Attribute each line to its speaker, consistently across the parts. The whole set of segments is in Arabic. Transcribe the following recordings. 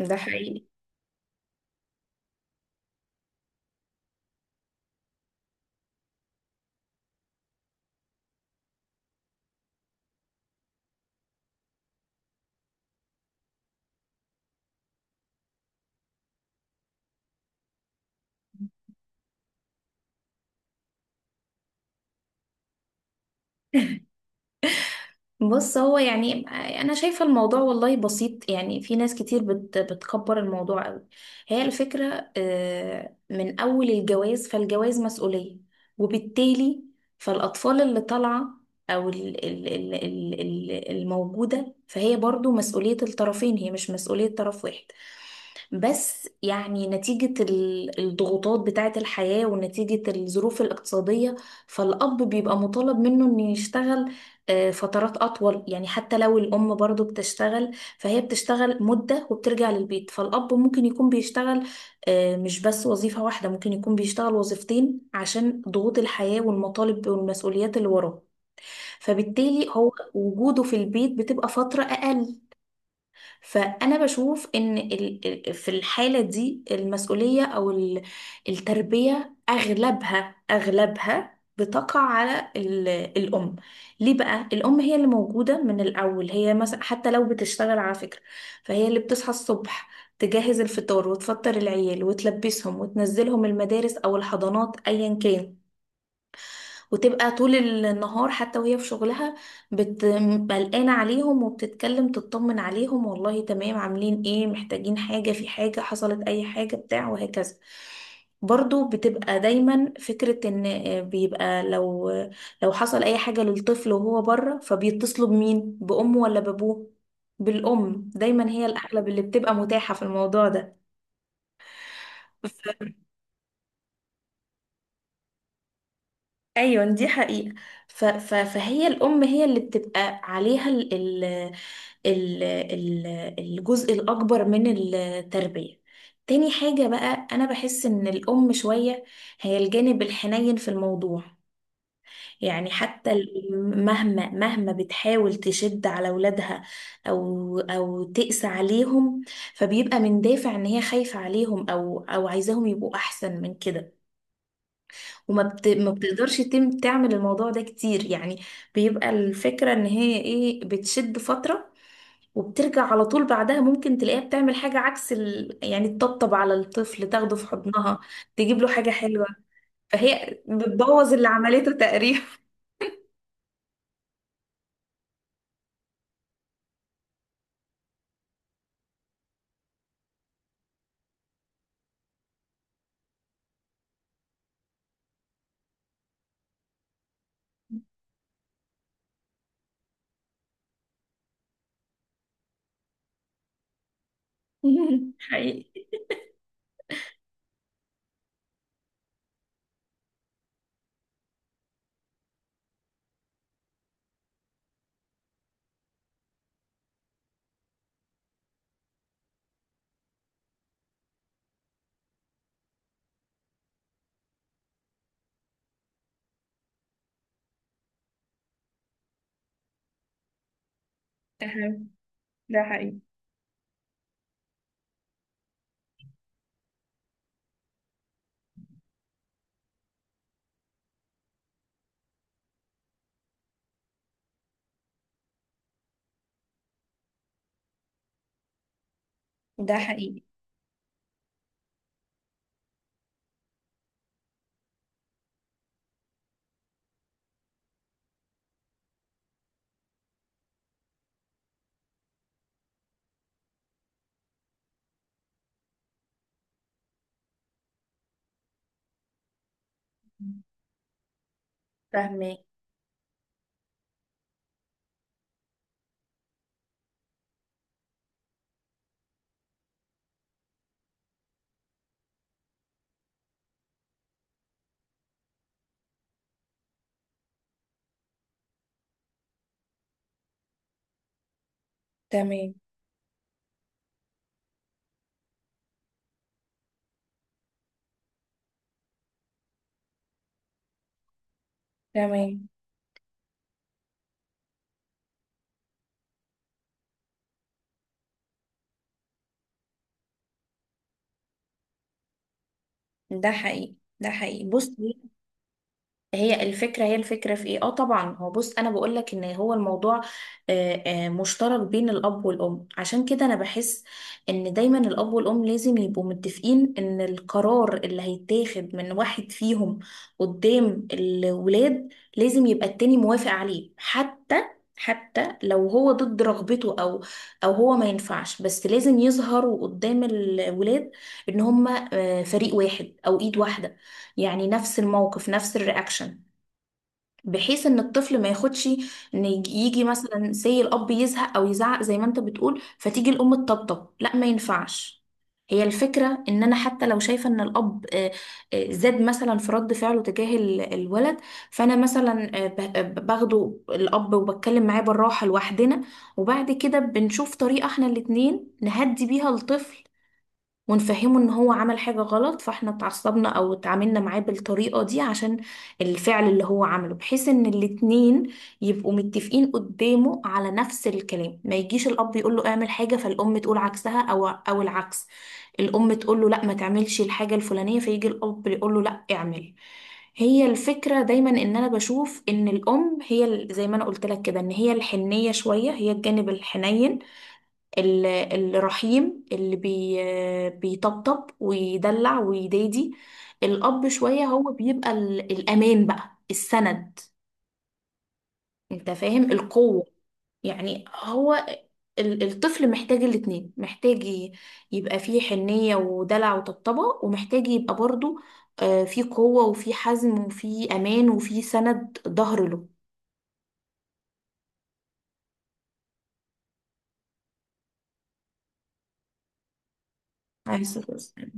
Speaker 1: ده حقيقي. بص، هو يعني انا شايفه الموضوع والله بسيط، يعني في ناس كتير بتكبر الموضوع قوي. هي الفكره من اول الجواز، فالجواز مسؤوليه، وبالتالي فالاطفال اللي طالعه او الموجوده، فهي برضو مسؤوليه الطرفين، هي مش مسؤوليه طرف واحد. بس يعني نتيجة الضغوطات بتاعة الحياة ونتيجة الظروف الاقتصادية، فالأب بيبقى مطالب منه إنه يشتغل فترات أطول، يعني حتى لو الأم برضو بتشتغل فهي بتشتغل مدة وبترجع للبيت، فالأب ممكن يكون بيشتغل مش بس وظيفة واحدة، ممكن يكون بيشتغل وظيفتين عشان ضغوط الحياة والمطالب والمسؤوليات اللي وراه، فبالتالي هو وجوده في البيت بتبقى فترة أقل. فأنا بشوف إن في الحالة دي المسؤولية أو التربية أغلبها بتقع على الأم. ليه بقى؟ الأم هي اللي موجودة من الأول، هي مثلا حتى لو بتشتغل على فكرة، فهي اللي بتصحى الصبح، تجهز الفطار وتفطر العيال وتلبسهم وتنزلهم المدارس أو الحضانات أيا كان، وتبقى طول النهار حتى وهي في شغلها بت- قلقانة عليهم، وبتتكلم تطمن عليهم والله تمام، عاملين ايه، محتاجين حاجة، في حاجة حصلت، اي حاجة بتاع، وهكذا. برضو بتبقى دايما فكرة ان بيبقى لو حصل اي حاجة للطفل وهو بره، فبيتصلوا بمين، بأمه ولا بأبوه؟ بالأم، دايما هي الأغلب اللي بتبقى متاحة في الموضوع ده. ايوه، دي حقيقة. فهي الام هي اللي بتبقى عليها ال... ال... الجزء الاكبر من التربية. تاني حاجة بقى، انا بحس ان الام شوية هي الجانب الحنين في الموضوع، يعني حتى الأم مهما مهما بتحاول تشد على ولادها او تقسى عليهم، فبيبقى من دافع ان هي خايفة عليهم او عايزاهم يبقوا احسن من كده، ما بتقدرش تم تعمل الموضوع ده كتير يعني. بيبقى الفكرة ان هي ايه بتشد فترة وبترجع على طول بعدها، ممكن تلاقيها بتعمل حاجة عكس يعني تطبطب على الطفل، تاخده في حضنها، تجيب له حاجة حلوة، فهي بتبوظ اللي عملته تقريبا. حقيقي. ده حقيقي. ده حقيقي. ده حقيقي. فاهمة. تمام. تمام. ده حقيقي. ده حقيقي. بص، هي الفكرة في ايه؟ اه طبعا، هو بص انا بقول لك ان هو الموضوع مشترك بين الاب والام، عشان كده انا بحس ان دايما الاب والام لازم يبقوا متفقين ان القرار اللي هيتاخد من واحد فيهم قدام الولاد لازم يبقى التاني موافق عليه، حتى لو هو ضد رغبته او هو ما ينفعش، بس لازم يظهروا قدام الولاد ان هما فريق واحد او ايد واحدة، يعني نفس الموقف نفس الرياكشن، بحيث ان الطفل ما ياخدش ان يجي مثلا سي الاب يزهق او يزعق زي ما انت بتقول، فتيجي الام تطبطب، لا ما ينفعش. هي الفكرة ان انا حتى لو شايفة ان الاب زاد مثلا في رد فعله تجاه الولد، فانا مثلا باخده الاب وبتكلم معاه بالراحة لوحدنا، وبعد كده بنشوف طريقة احنا الاتنين نهدي بيها الطفل ونفهمه ان هو عمل حاجة غلط، فاحنا اتعصبنا او اتعاملنا معاه بالطريقة دي عشان الفعل اللي هو عمله، بحيث ان الاتنين يبقوا متفقين قدامه على نفس الكلام، ما يجيش الاب يقول له اعمل حاجة فالام تقول عكسها او العكس، الام تقول له لا ما تعملش الحاجة الفلانية فيجي الاب يقول له لا اعمل. هي الفكرة دايما ان انا بشوف ان الام هي زي ما انا قلت لك كده ان هي الحنية شوية، هي الجانب الحنين ال- الرحيم اللي بيطبطب ويدلع ويدادي. الأب شوية هو بيبقى الأمان بقى، السند، انت فاهم؟ القوة، يعني هو الطفل محتاج الاتنين، محتاج يبقى فيه حنية ودلع وطبطبة، ومحتاج يبقى برضو فيه قوة وفيه حزم وفيه أمان وفيه سند ظهر له. عايزة تسلم.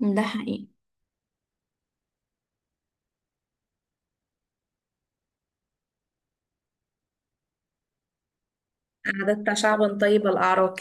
Speaker 1: ده حقيقي. أعددت شعبا طيب الأعراق.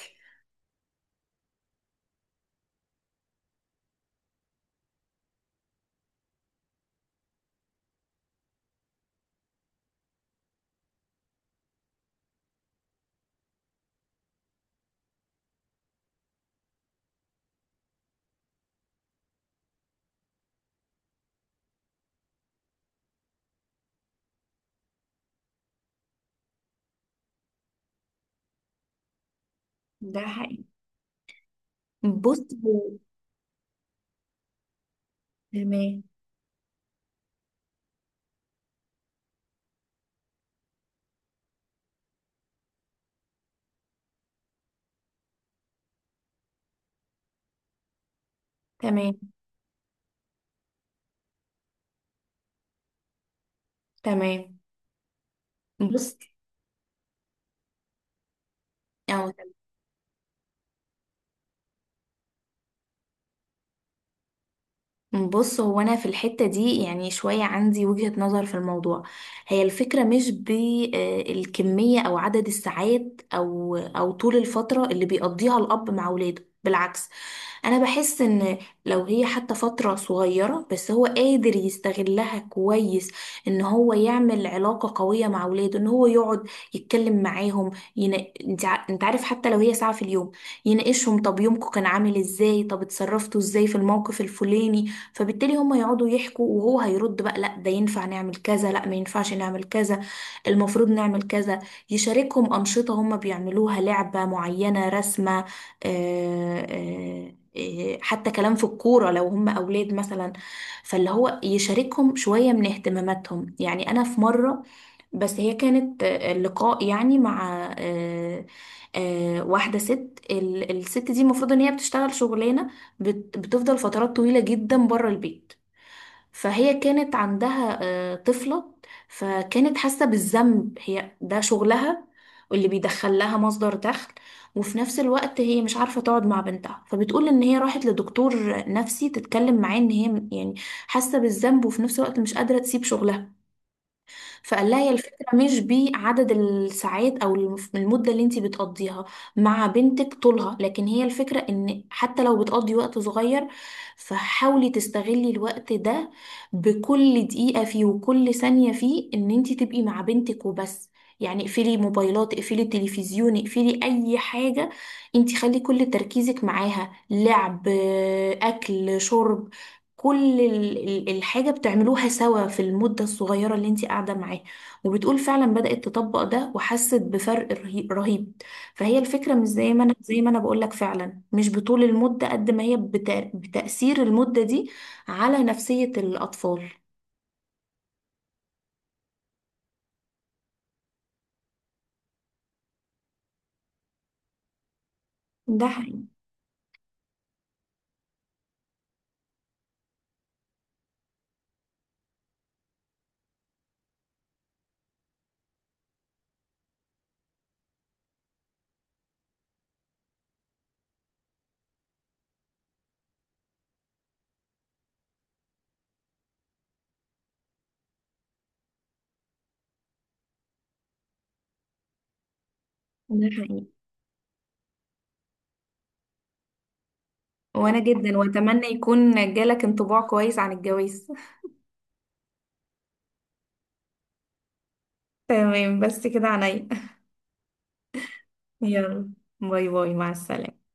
Speaker 1: ده حقيقي. بص. تمام. تمام. تمام. بص، أو بص، هو أنا في الحتة دي يعني شوية عندي وجهة نظر في الموضوع، هي الفكرة مش بالكمية أو عدد الساعات أو طول الفترة اللي بيقضيها الأب مع ولاده، بالعكس، انا بحس ان لو هي حتى فترة صغيرة بس هو قادر يستغلها كويس ان هو يعمل علاقة قوية مع اولاده، ان هو يقعد يتكلم معاهم، ين... انت عارف حتى لو هي ساعة في اليوم يناقشهم، طب يومكم كان عامل ازاي، طب اتصرفتوا ازاي في الموقف الفلاني، فبالتالي هم يقعدوا يحكوا وهو هيرد بقى لا ده ينفع نعمل كذا، لا ما ينفعش نعمل كذا، المفروض نعمل كذا. يشاركهم أنشطة هم بيعملوها، لعبة معينة، رسمة، إيه، حتى كلام في الكورة لو هم أولاد مثلا، فاللي هو يشاركهم شوية من اهتماماتهم، يعني أنا في مرة، بس هي كانت لقاء يعني مع واحدة ست، الست دي المفروض إن هي بتشتغل شغلانة بتفضل فترات طويلة جدا بره البيت، فهي كانت عندها طفلة، فكانت حاسة بالذنب، هي ده شغلها واللي بيدخل لها مصدر دخل، وفي نفس الوقت هي مش عارفة تقعد مع بنتها، فبتقول ان هي راحت لدكتور نفسي تتكلم معاه ان هي يعني حاسة بالذنب وفي نفس الوقت مش قادرة تسيب شغلها. فقال لها هي الفكرة مش بعدد الساعات أو المدة اللي انتي بتقضيها مع بنتك طولها، لكن هي الفكرة ان حتى لو بتقضي وقت صغير فحاولي تستغلي الوقت ده بكل دقيقة فيه وكل ثانية فيه ان انتي تبقي مع بنتك وبس، يعني اقفلي موبايلات، اقفلي التلفزيون، اقفلي اي حاجة، انتي خلي كل تركيزك معاها، لعب، اكل، شرب، كل الحاجة بتعملوها سوا في المدة الصغيرة اللي انت قاعدة معاه، وبتقول فعلا بدأت تطبق ده وحست بفرق رهيب. فهي الفكرة مش زي ما انا بقولك فعلا مش بطول المدة قد ما هي بتأثير المدة دي على نفسية الأطفال. ده حقيقي. ده حقيقي. وانا جدا، واتمنى يكون جالك انطباع كويس عن الجواز. تمام، بس كده عنيا. يلا، باي باي، مع السلامة.